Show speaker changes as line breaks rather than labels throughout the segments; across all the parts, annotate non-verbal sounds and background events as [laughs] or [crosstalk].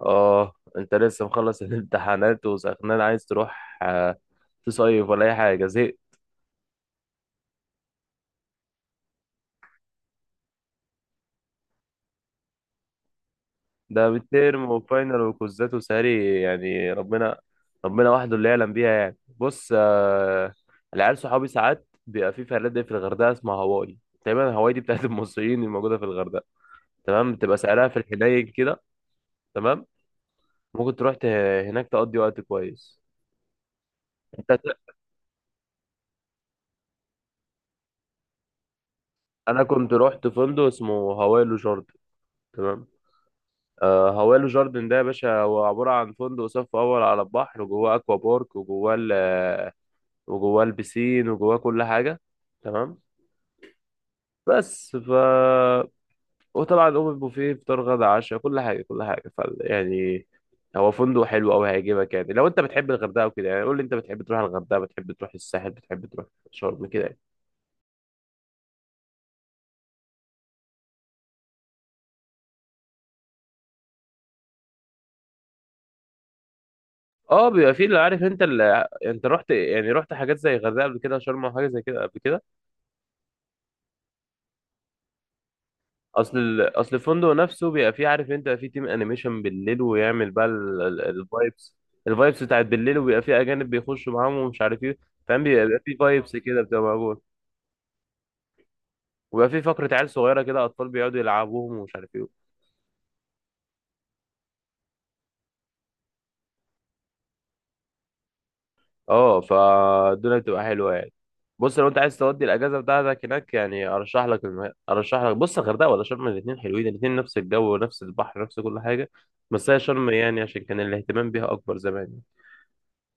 اه، انت لسه مخلص [laughs] الامتحانات وسخنان عايز تروح تصيف ولا اي حاجه؟ زهقت. ده بالترم وفاينل وكوزات وسهري، يعني ربنا، ربنا وحده اللي يعلم بيها. يعني بص، العيال صحابي ساعات بيبقى في فنادق في الغردقه اسمها هواي تقريبا. هواي دي بتاعت [laughs] المصريين الموجوده في الغردقه، تمام. بتبقى سعرها في الحنين كده، تمام. ممكن تروح هناك تقضي وقت كويس. انت انا كنت رحت فندق اسمه هواي لوجارد، تمام. هوالو جاردن ده يا باشا هو عبارة عن فندق صف أول على البحر، وجواه أكوا بارك، وجواه وجواه البسين، وجواه كل حاجة، تمام. بس. وطبعا أوبن بوفيه، فطار غدا عشاء، كل حاجة كل حاجة. يعني هو فندق حلو أوي، هيعجبك، يعني لو أنت بتحب الغردقة وكده. يعني قول لي، أنت بتحب تروح الغردقة، بتحب تروح الساحل، بتحب تروح شرم، كده يعني. اه، بيبقى فيه اللي عارف. أنت أنت رحت، يعني رحت حاجات زي الغردقة قبل كده، شرم أو حاجة زي كده قبل كده؟ اصل اصل الفندق نفسه بيبقى فيه، عارف انت، فيه تيم انيميشن بالليل، ويعمل بقى الفايبس، بتاعت بالليل، وبيبقى فيه اجانب بيخشوا معاهم ومش عارف ايه. فاهم؟ بيبقى فيه فايبس كده بتبقى موجود، وبيبقى فيه فقرة عيال صغيرة كده، اطفال بيقعدوا يلعبوهم ومش عارف ايه. اه، فالدنيا بتبقى حلوة يعني. بص، لو انت عايز تودي الاجازة بتاعتك هناك، يعني ارشح لك ارشح لك، بص، الغردقة ولا شرم؟ الاتنين حلوين، الاتنين نفس الجو، نفس البحر، نفس كل حاجة. بس هي شرم يعني عشان كان الاهتمام بيها اكبر زمان.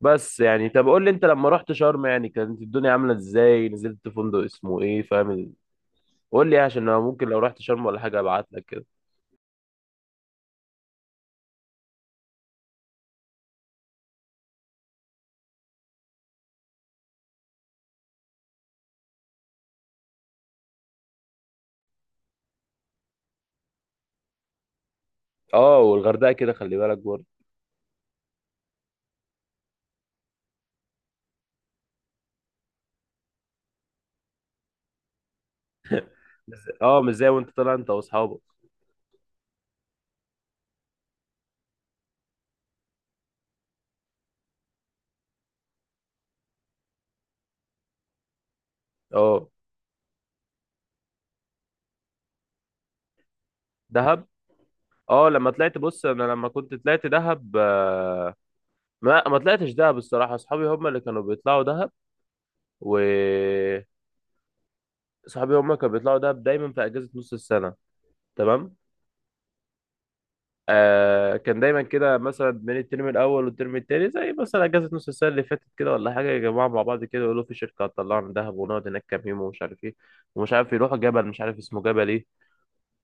بس يعني، طب قول لي انت لما رحت شرم، يعني كانت الدنيا عامله ازاي، نزلت فندق اسمه ايه، فاهم؟ قول لي عشان انا ممكن لو رحت شرم ولا حاجه ابعت لك كده. اه، والغردقه كده، خلي بالك برضه. اه، مش زي وانت طالع انت واصحابك. اه، دهب. اه لما طلعت، بص، انا لما كنت طلعت دهب، ما طلعتش دهب الصراحه، اصحابي هم اللي كانوا بيطلعوا دهب. و صحابي هم كانوا بيطلعوا دهب دايما في اجازه نص السنه، تمام. كان دايما كده، مثلا بين الترم الاول والترم التاني، زي مثلا اجازه نص السنه اللي فاتت كده ولا حاجه، يا جماعه مع بعض كده يقولوا في شركه هتطلعنا دهب ونقعد هناك كام يوم، ومش عارف ايه. ومش عارف يروحوا جبل، مش عارف اسمه جبل ايه.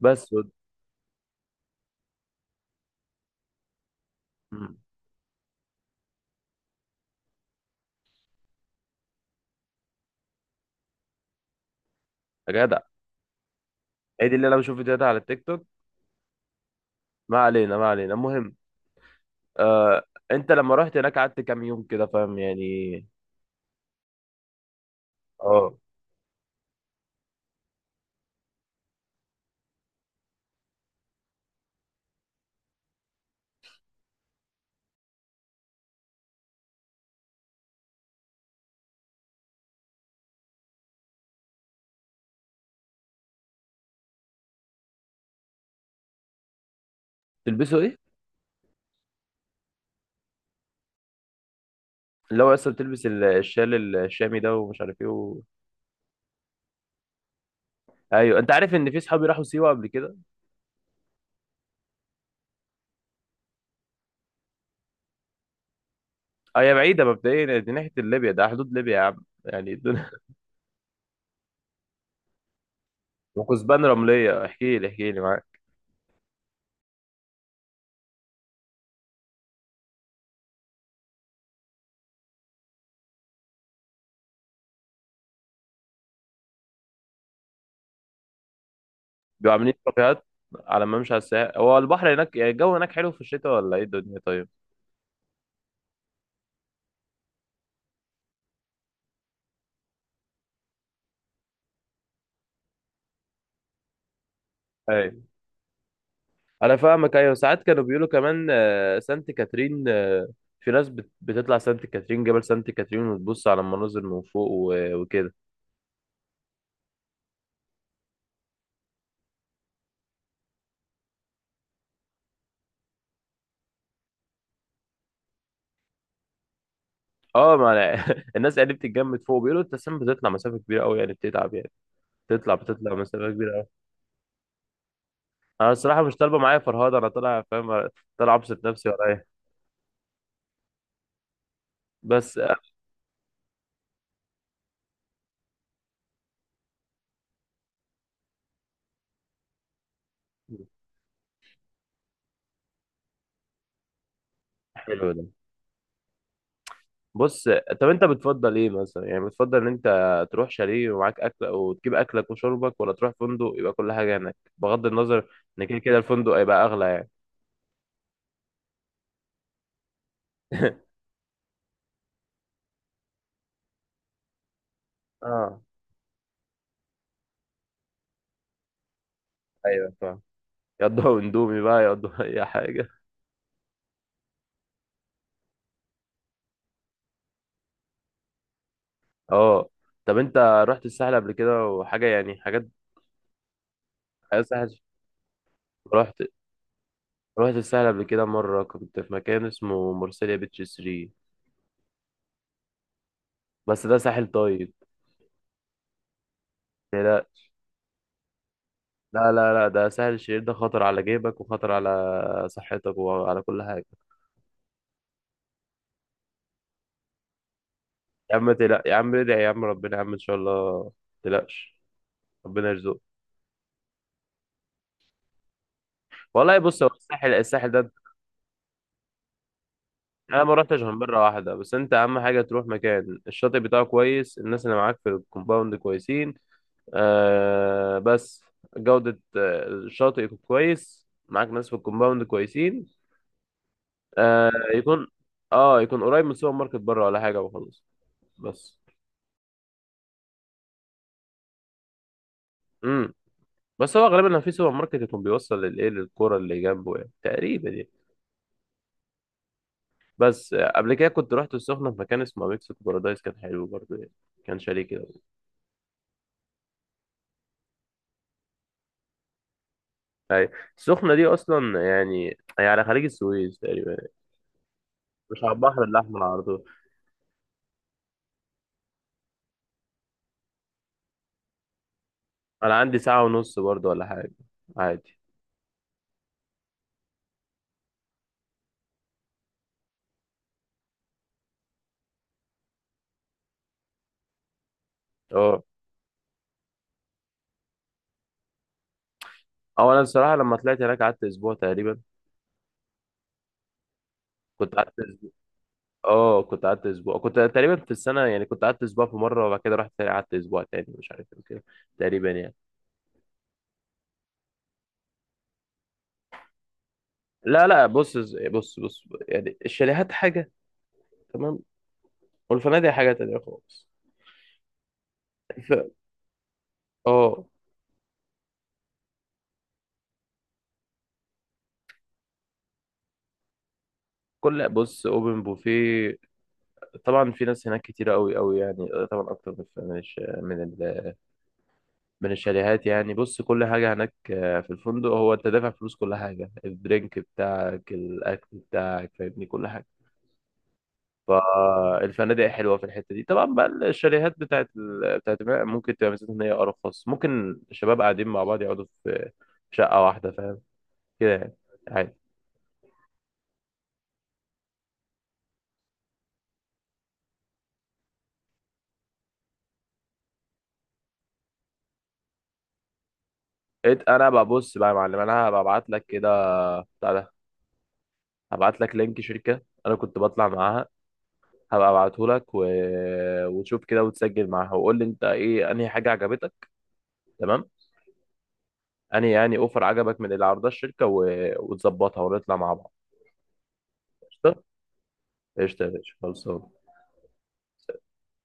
بس. مم. يا جدع، هي دي اللي انا بشوف فيديوهات على التيك توك. ما علينا، ما علينا، المهم. آه انت لما رحت هناك قعدت كام يوم كده، فاهم يعني؟ اه، تلبسوا ايه؟ اللي هو اصلا بتلبس الشال الشامي ده، ومش عارف ايه ايوه. انت عارف ان في صحابي راحوا سيوه قبل كده. هي بعيدة مبدئيا، دي ناحية ليبيا، ده حدود ليبيا يا عم، يعني الدنيا. [laughs] وكثبان رملية، احكي لي احكي لي، معاك. بيبقوا عاملين كافيهات على ما امشي على الساحل. هو البحر هناك يعني، الجو هناك حلو في الشتاء ولا ايه الدنيا طيب؟ ايوه، انا فاهمك. ايوه، ساعات كانوا بيقولوا كمان سانت كاترين. في ناس بتطلع سانت كاترين، جبل سانت كاترين، وتبص على المناظر من فوق وكده. اه، ما أنا [laughs] الناس يعني بتتجمد فوق، بيقولوا انت أساساً بتطلع مسافة كبيرة قوي يعني، بتتعب يعني. بتطلع مسافة كبيرة. انا الصراحه مش طالبه معايا فرهاده، انا طالع، فاهم؟ طالع ابسط نفسي ولا ايه؟ بس حلو ده. بص، طب انت بتفضل ايه مثلا، يعني بتفضل ان انت تروح شاليه ومعاك اكل وتجيب اكلك وشربك، ولا تروح فندق يبقى كل حاجه هناك، بغض النظر ان كده كده الفندق هيبقى اغلى يعني؟ [laughs] اه، ايوه فاهم. يقضوا اندومي [laughs] بقى، يقضوا اي حاجه. اه، طب انت رحت الساحل قبل كده وحاجه، يعني حاجات سهل؟ رحت رحت الساحل قبل كده مره، كنت في مكان اسمه مرسيليا بيتش 3. بس ده ساحل طيب. لا لا لا لا، ده ساحل الشرير، ده خطر على جيبك وخطر على صحتك وعلى كل حاجة. يا عم تلا، يا عم ادعي يا عم ربنا، يا عم إن شاء الله ما تقلقش، ربنا يرزقك. والله بص، هو الساحل، ده أنا ما رحتش غير مرة واحدة. بس أنت أهم حاجة تروح مكان الشاطئ بتاعه كويس، الناس اللي معاك في الكومباوند كويسين. آه بس جودة الشاطئ يكون كويس، معاك ناس في الكومباوند كويسين. آه يكون اه يكون قريب من سوبر ماركت بره ولا حاجة، وخلاص. بس امم بس هو غالبا في سوبر ماركت يكون بيوصل للايه، للكوره اللي جنبه، يعني تقريبا يعني. بس قبل كده كنت رحت السخنه في مكان اسمه مكسيكو بارادايس، كان حلو برضه يعني، كان شاليه كده. اي، السخنه دي اصلا يعني هي على خليج السويس تقريبا يعني. مش على البحر الاحمر على طول. انا عندي ساعه ونص برضه ولا حاجه، عادي. اه انا الصراحه لما طلعت هناك قعدت اسبوع تقريبا. كنت قعدت اسبوع. اه، كنت قعدت اسبوع، كنت تقريبا في السنه يعني كنت قعدت اسبوع في مره، وبعد كده رحت تاني قعدت اسبوع تاني، مش عارف ايه كده، تقريبا يعني. لا لا، بص بص بص، يعني الشاليهات حاجة، تمام، والفنادق حاجة تانية خالص. ف... اه، بص، اوبن بوفيه، طبعا في ناس هناك كتير قوي قوي، يعني طبعا اكتر من من الشاليهات. يعني بص، كل حاجة هناك في الفندق، هو انت دافع فلوس كل حاجة، الدرينك بتاعك، الاكل بتاعك، فاهمني، كل حاجة. فالفنادق حلوه في الحته دي. طبعا بقى الشاليهات بتاعت ممكن تبقى ميزتها ان هي ارخص، ممكن الشباب قاعدين مع بعض يقعدوا في شقه واحده، فاهم كده يعني، عادي. انا ببص بقى يا معلم، انا هبقى ابعت لك كده، بتاع ده. هبعت لك لينك شركه انا كنت بطلع معاها، هبقى ابعته لك وتشوف كده، وتسجل معاها، وقول لي انت ايه انهي حاجه عجبتك، تمام؟ انهي يعني اوفر عجبك من اللي عرضها الشركه، وتظبطها ونطلع مع بعض. قشطه، قشطه يا باشا، خلصان.